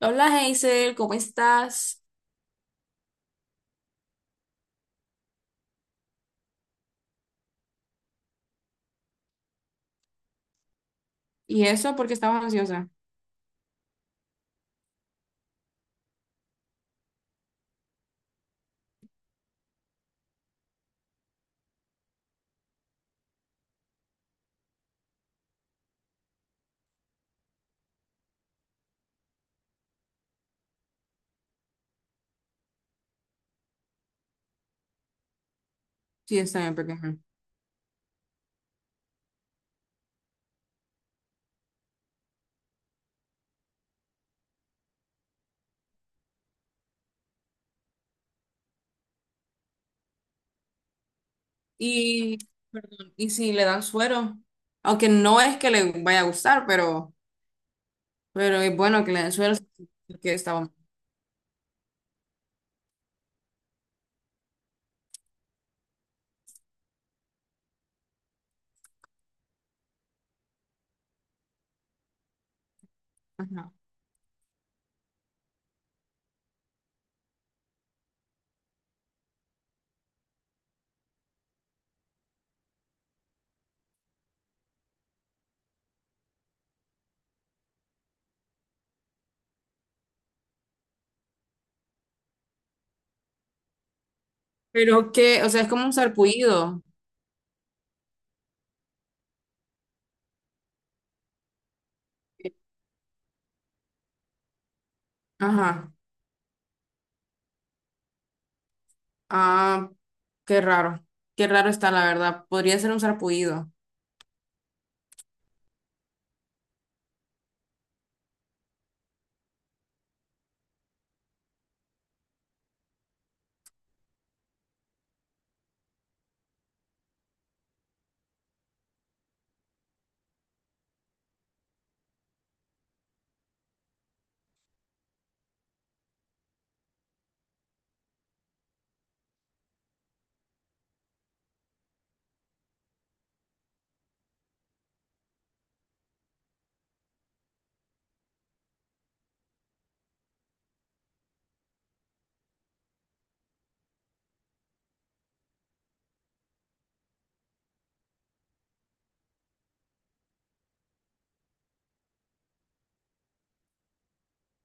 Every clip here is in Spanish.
Hola Hazel, ¿cómo estás? Y eso porque estabas ansiosa. Sí, está bien, pequeña. Y, perdón, y si le dan suero, aunque no es que le vaya a gustar, pero es bueno que le den suero porque estaba. Ajá. Pero que, o sea, es como un sarpullido. Ajá. Ah, qué raro. Qué raro está, la verdad. Podría ser un sarpullido.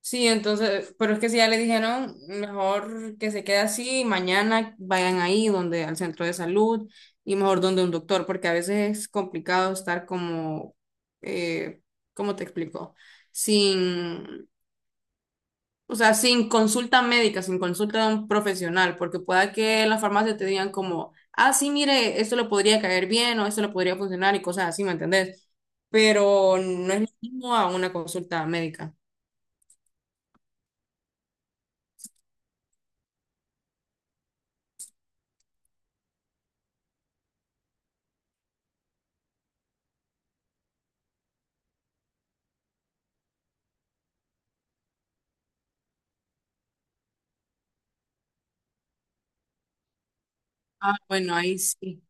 Sí, entonces, pero es que si ya le dijeron, mejor que se quede así, mañana vayan ahí donde al centro de salud y mejor donde un doctor, porque a veces es complicado estar como, eh, ¿cómo te explico? Sin, o sea, sin consulta médica, sin consulta de un profesional, porque pueda que en la farmacia te digan como, ah, sí, mire, esto le podría caer bien o esto le podría funcionar y cosas así, ¿me entendés? Pero no es lo mismo a una consulta médica. Ah, bueno, ahí sí.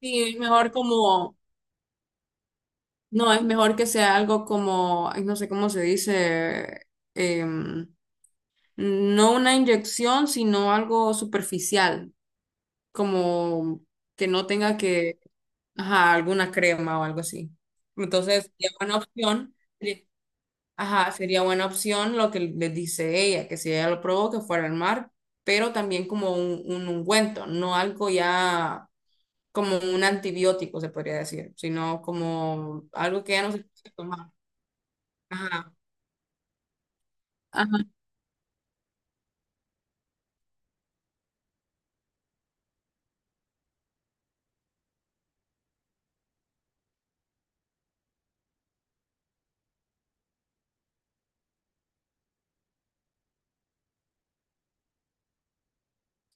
Sí, es mejor como, no, es mejor que sea algo como, ay, no sé cómo se dice, em, no una inyección, sino algo superficial, como que no tenga que, ajá, alguna crema o algo así. Entonces, sería buena opción, sí, ajá, sería buena opción lo que le dice ella, que si ella lo probó, que fuera al mar, pero también como un ungüento, no algo ya como un antibiótico, se podría decir, sino como algo que ya no se puede tomar. Ajá. Ajá.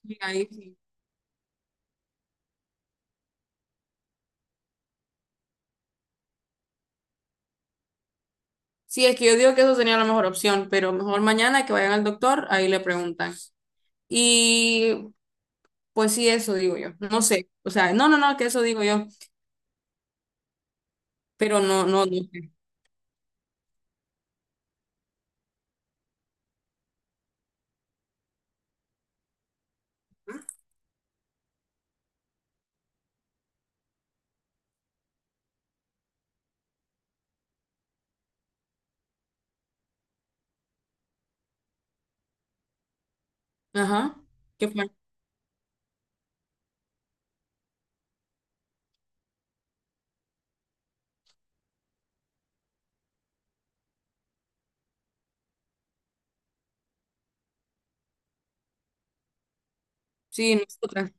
Sí, ahí sí. Sí, es que yo digo que eso sería la mejor opción, pero mejor mañana que vayan al doctor, ahí le preguntan. Y pues sí, eso digo yo. No sé, o sea, no, no, no, que eso digo yo, pero no, no, no sé. Ajá. ¿Qué fue? Sí, nosotras.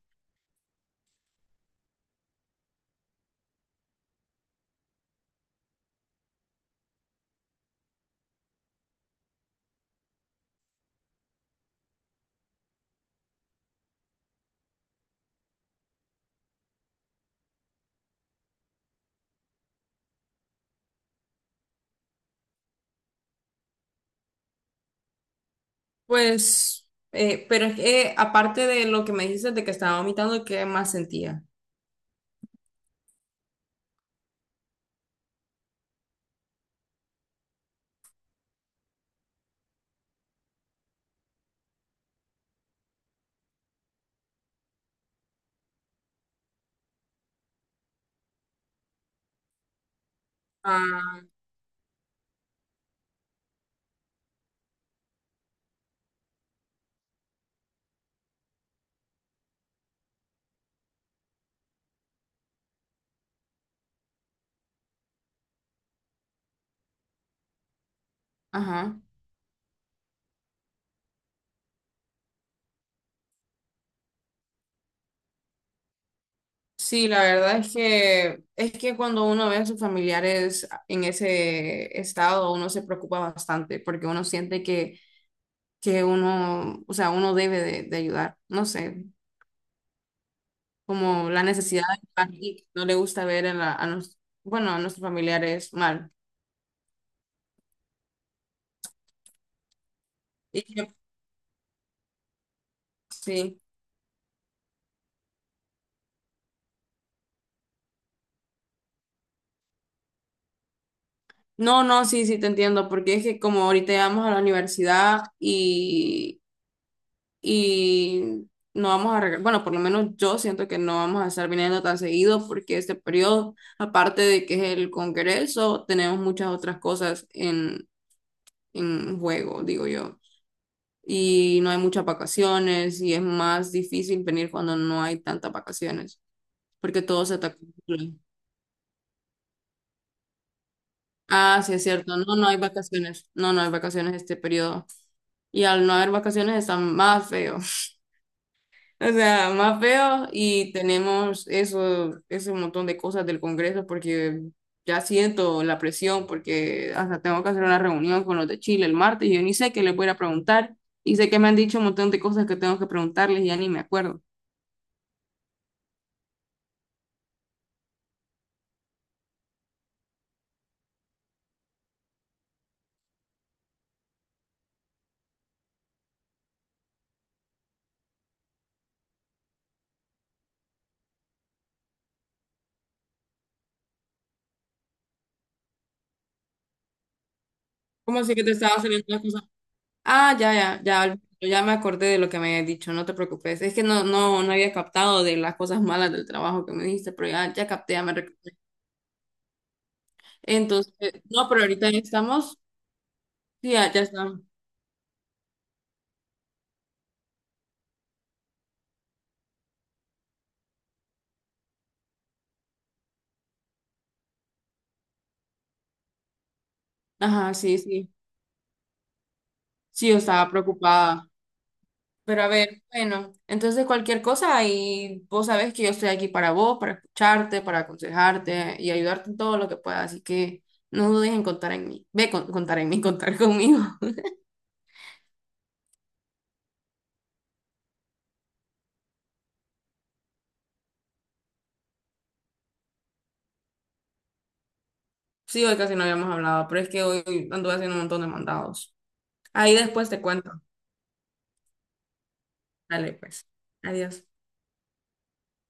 Pues, pero es que aparte de lo que me dijiste de que estaba vomitando, ¿qué más sentía? Ah, ajá. Sí, la verdad es que cuando uno ve a sus familiares en ese estado, uno se preocupa bastante porque uno siente que uno, o sea, uno debe de ayudar. No sé, como la necesidad de ayudar y no le gusta ver a, la- a nos- bueno, a nuestros familiares mal. Y que- sí. No, no, sí, sí, te entiendo, porque es que como ahorita ya vamos a la universidad y no vamos a regresar, bueno, por lo menos yo siento que no vamos a estar viniendo tan seguido porque este periodo, aparte de que es el Congreso, tenemos muchas otras cosas en juego, digo yo. Y no hay muchas vacaciones y es más difícil venir cuando no hay tantas vacaciones, porque todo se está conjunto. Ah, sí, es cierto. No, no hay vacaciones. No, no hay vacaciones este periodo. Y al no haber vacaciones está más feo. O sea, más feo y tenemos eso, ese montón de cosas del Congreso porque ya siento la presión porque hasta tengo que hacer una reunión con los de Chile el martes y yo ni sé qué les voy a ir a preguntar y sé que me han dicho un montón de cosas que tengo que preguntarles y ya ni me acuerdo. ¿Cómo así que te estaba saliendo las cosas? Ah, ya, ya, ya, ya me acordé de lo que me habías dicho, no te preocupes. Es que no, no, no había captado de las cosas malas del trabajo que me dijiste, pero ya, ya capté, ya me recuperé. Entonces, no, pero ahorita ya estamos, sí, ya, ya estamos. Ajá, sí, sí. Sí, yo estaba preocupada. Pero a ver, bueno, entonces cualquier cosa ahí vos sabés que yo estoy aquí para vos, para escucharte, para aconsejarte y ayudarte en todo lo que pueda. Así que no dudes en contar en mí. Ve, con- contar en mí, contar conmigo. Sí, hoy casi no habíamos hablado, pero es que hoy anduve haciendo un montón de mandados. Ahí después te cuento. Dale, pues. Adiós.